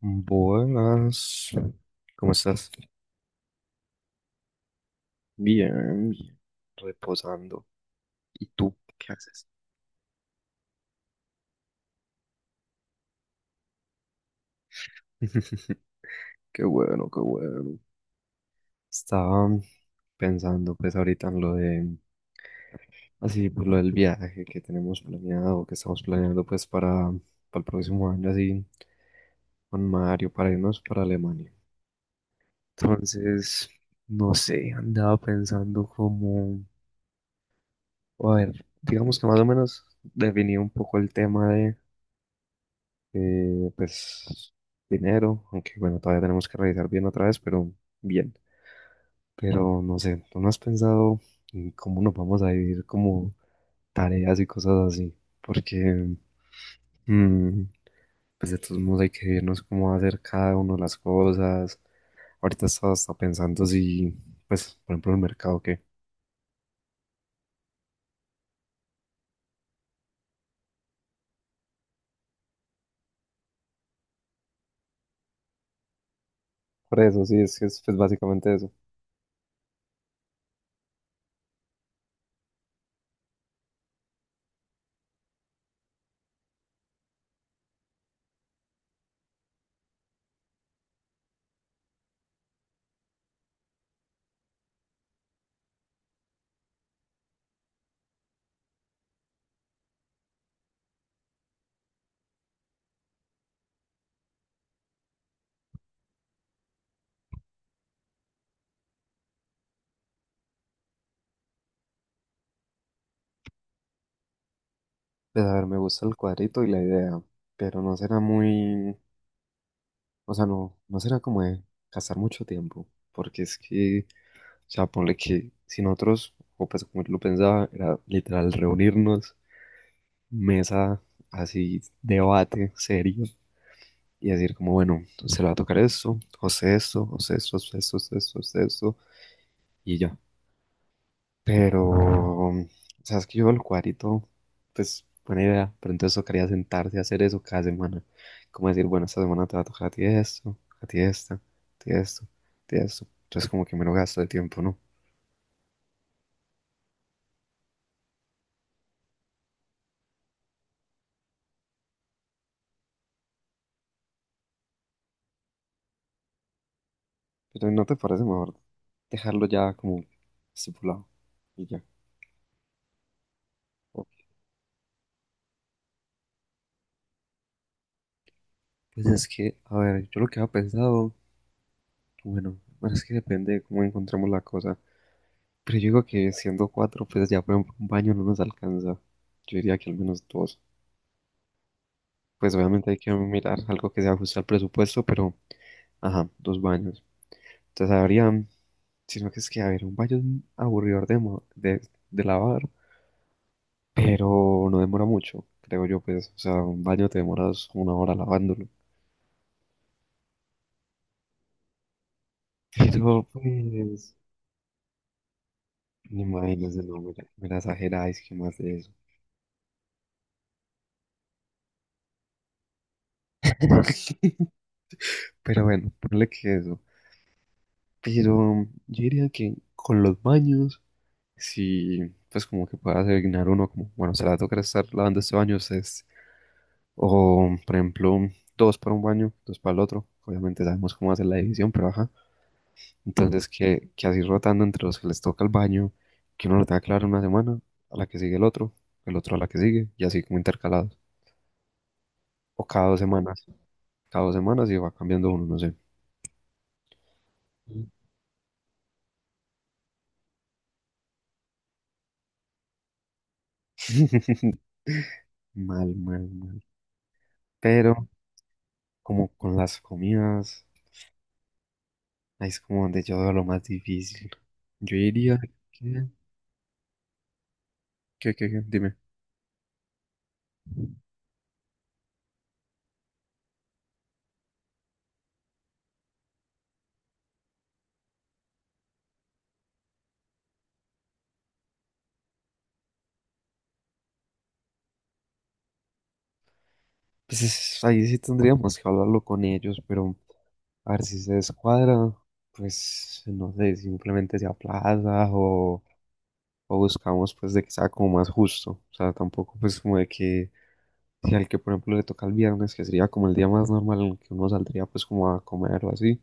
Buenas, ¿cómo estás? Bien, bien, reposando. ¿Y tú qué haces? Qué bueno, qué bueno. Estaba pensando pues ahorita en lo de, así, pues lo del viaje que tenemos planeado, que estamos planeando pues para el próximo año, así, con Mario, para irnos para Alemania. Entonces, no sé, andaba pensando como, a ver, digamos que más o menos definí un poco el tema pues dinero, aunque bueno, todavía tenemos que revisar bien otra vez, pero bien. Pero no sé, ¿tú no has pensado en cómo nos vamos a dividir como tareas y cosas así? Porque, mm, pues de todos modos hay que vernos cómo va a hacer cada uno las cosas. Ahorita estaba hasta pensando si, pues, por ejemplo, el mercado, ¿qué? Por eso, sí, es que es pues, básicamente eso. Pues a ver, me gusta el cuadrito y la idea, pero no será muy, o sea, no, no será como de gastar mucho tiempo, porque es que, o sea, ponle que si nosotros, o pues como yo lo pensaba, era literal reunirnos, mesa, así, debate serio, y decir como, bueno, se le va a tocar esto, o sea, esto, o sea, esto, o sea, esto, o sea, esto, o sea, esto, y ya. Pero, sabes que yo el cuadrito, pues buena idea, pero entonces tocaría sentarse a hacer eso cada semana. Como decir, bueno, esta semana te va a tocar a ti esto, a ti esta, a ti esto, a ti esto. Entonces como que me lo gasto de tiempo, ¿no? Pero ¿no te parece mejor dejarlo ya como estipulado y ya? Ok. Pues es que, a ver, yo lo que había pensado, bueno, bueno, es que depende de cómo encontremos la cosa. Pero yo digo que siendo cuatro, pues ya por ejemplo un baño no nos alcanza. Yo diría que al menos dos. Pues obviamente hay que mirar algo que se ajuste al presupuesto, pero, ajá, dos baños. Entonces habría, sino que es que, a ver, un baño es aburridor de lavar, pero no demora mucho, creo yo, pues, o sea, un baño te demoras una hora lavándolo. Pero, pues, imagínense, no, me la exageráis que más de eso. Pero bueno, ponle que eso. Pero yo diría que con los baños, sí, pues como que pueda asignar uno como, bueno, se le va a tocar estar lavando este baño, ustedes. O, por ejemplo, dos para un baño, dos para el otro. Obviamente sabemos cómo hacer la división, pero ajá. Entonces, que así rotando entre los que les toca el baño, que uno lo tenga claro una semana, a la que sigue el otro a la que sigue, y así como intercalados. O cada 2 semanas, cada dos semanas y va cambiando uno, no sé. Mal, mal, mal. Pero, como con las comidas, ahí es como donde yo veo lo más difícil. Yo diría que, dime. Pues es, ahí sí tendríamos que hablarlo con ellos, pero. A ver si se descuadra, pues no sé, simplemente se aplaza o buscamos pues de que sea como más justo. O sea, tampoco pues como de que si al que por ejemplo le toca el viernes, que sería como el día más normal en el que uno saldría pues como a comer o así,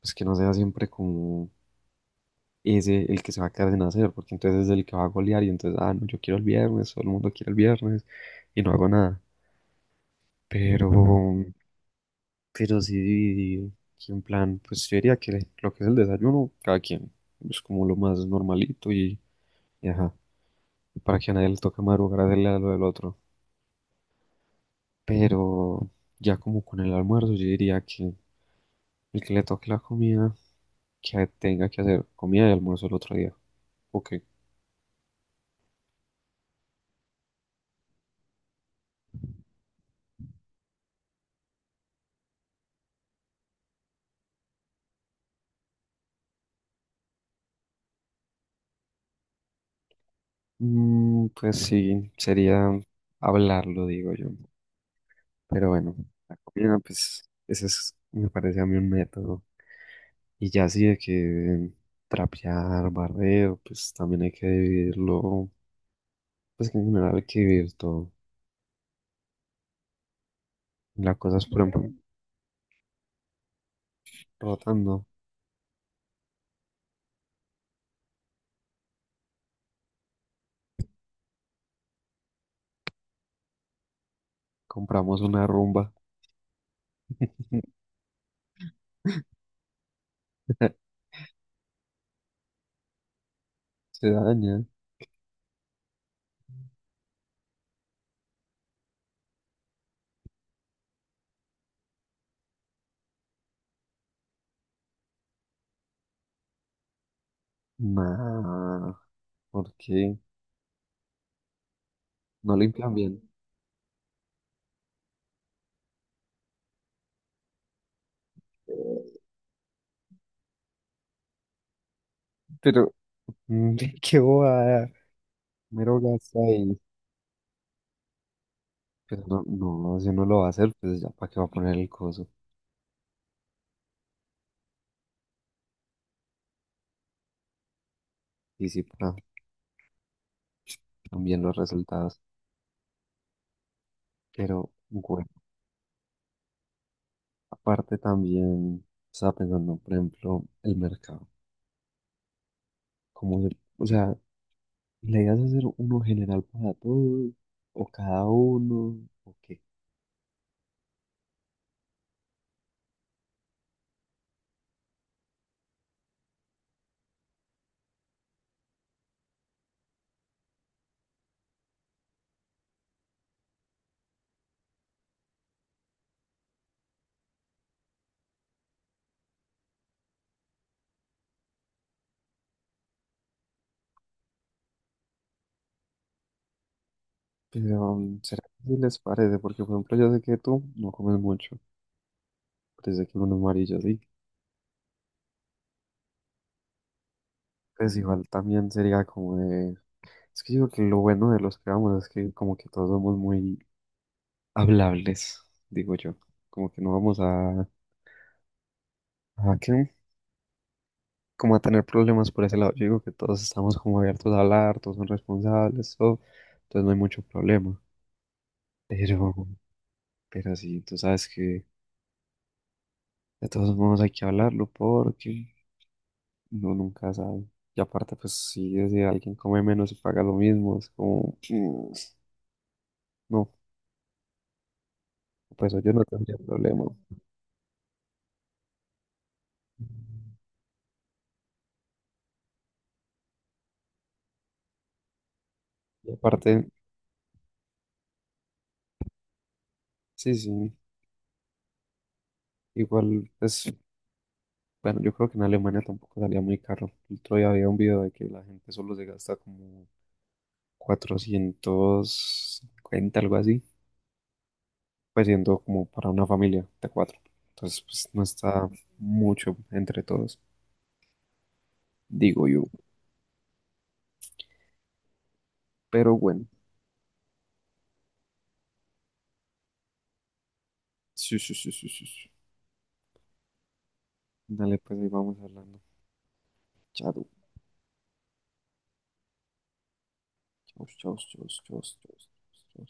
pues que no sea siempre como ese el que se va a quedar sin hacer, porque entonces es el que va a golear y entonces, ah, no, yo quiero el viernes, todo el mundo quiere el viernes y no hago nada. Pero, Pero sí dividir, que en plan, pues yo diría que lo que es el desayuno, cada quien, es como lo más normalito y ajá, para que a nadie le toque madrugar a hacerle a lo del otro. Pero ya como con el almuerzo, yo diría que el que le toque la comida, que tenga que hacer comida y almuerzo el otro día. Ok. Mm, pues sí, sería hablarlo, digo yo, ¿no? Pero bueno, la comida, pues, ese es, me parece a mí un método. Y ya así de que trapear, barrer, pues también hay que vivirlo, pues que en general hay que vivir todo. La cosa es, por ejemplo, rotando, compramos una rumba, se daña. Nah, ¿por qué? No limpian bien. Pero, mm, qué bobada, mero gasto ahí. Pero no, no, si uno lo va a hacer, pues ya para qué va a poner el coso. Y sí, para también los resultados. Pero, aparte también estaba pensando, por ejemplo, el mercado. O sea, la idea es hacer uno general para todos o cada uno o qué. Pero mm, ¿será que sí les parece? Porque, por ejemplo, yo sé que tú no comes mucho, pero sé que uno es amarillo, sí. Pues igual también sería como de... Es que digo que lo bueno de los que vamos es que como que todos somos muy hablables, digo yo. Como que no vamos a... ¿A qué? Como a tener problemas por ese lado. Yo digo que todos estamos como abiertos a hablar, todos son responsables, todo, entonces no hay mucho problema. Pero, pero sí, tú sabes que de todos modos hay que hablarlo porque uno nunca sabe. Y aparte, pues si alguien come menos y paga lo mismo, es como, mm, no, pues yo no tendría problema. Y aparte, sí, sí, igual es, bueno, yo creo que en Alemania tampoco salía muy caro. El otro día había un video de que la gente solo se gasta como 450, algo así, pues siendo como para una familia de cuatro. Entonces, pues no está mucho entre todos, digo yo. Pero bueno, sí, sí, sí, sí, sí. Sí. Dale, pues ahí vamos hablando. Chao, chao, chao, chao, chao, chao. Chao.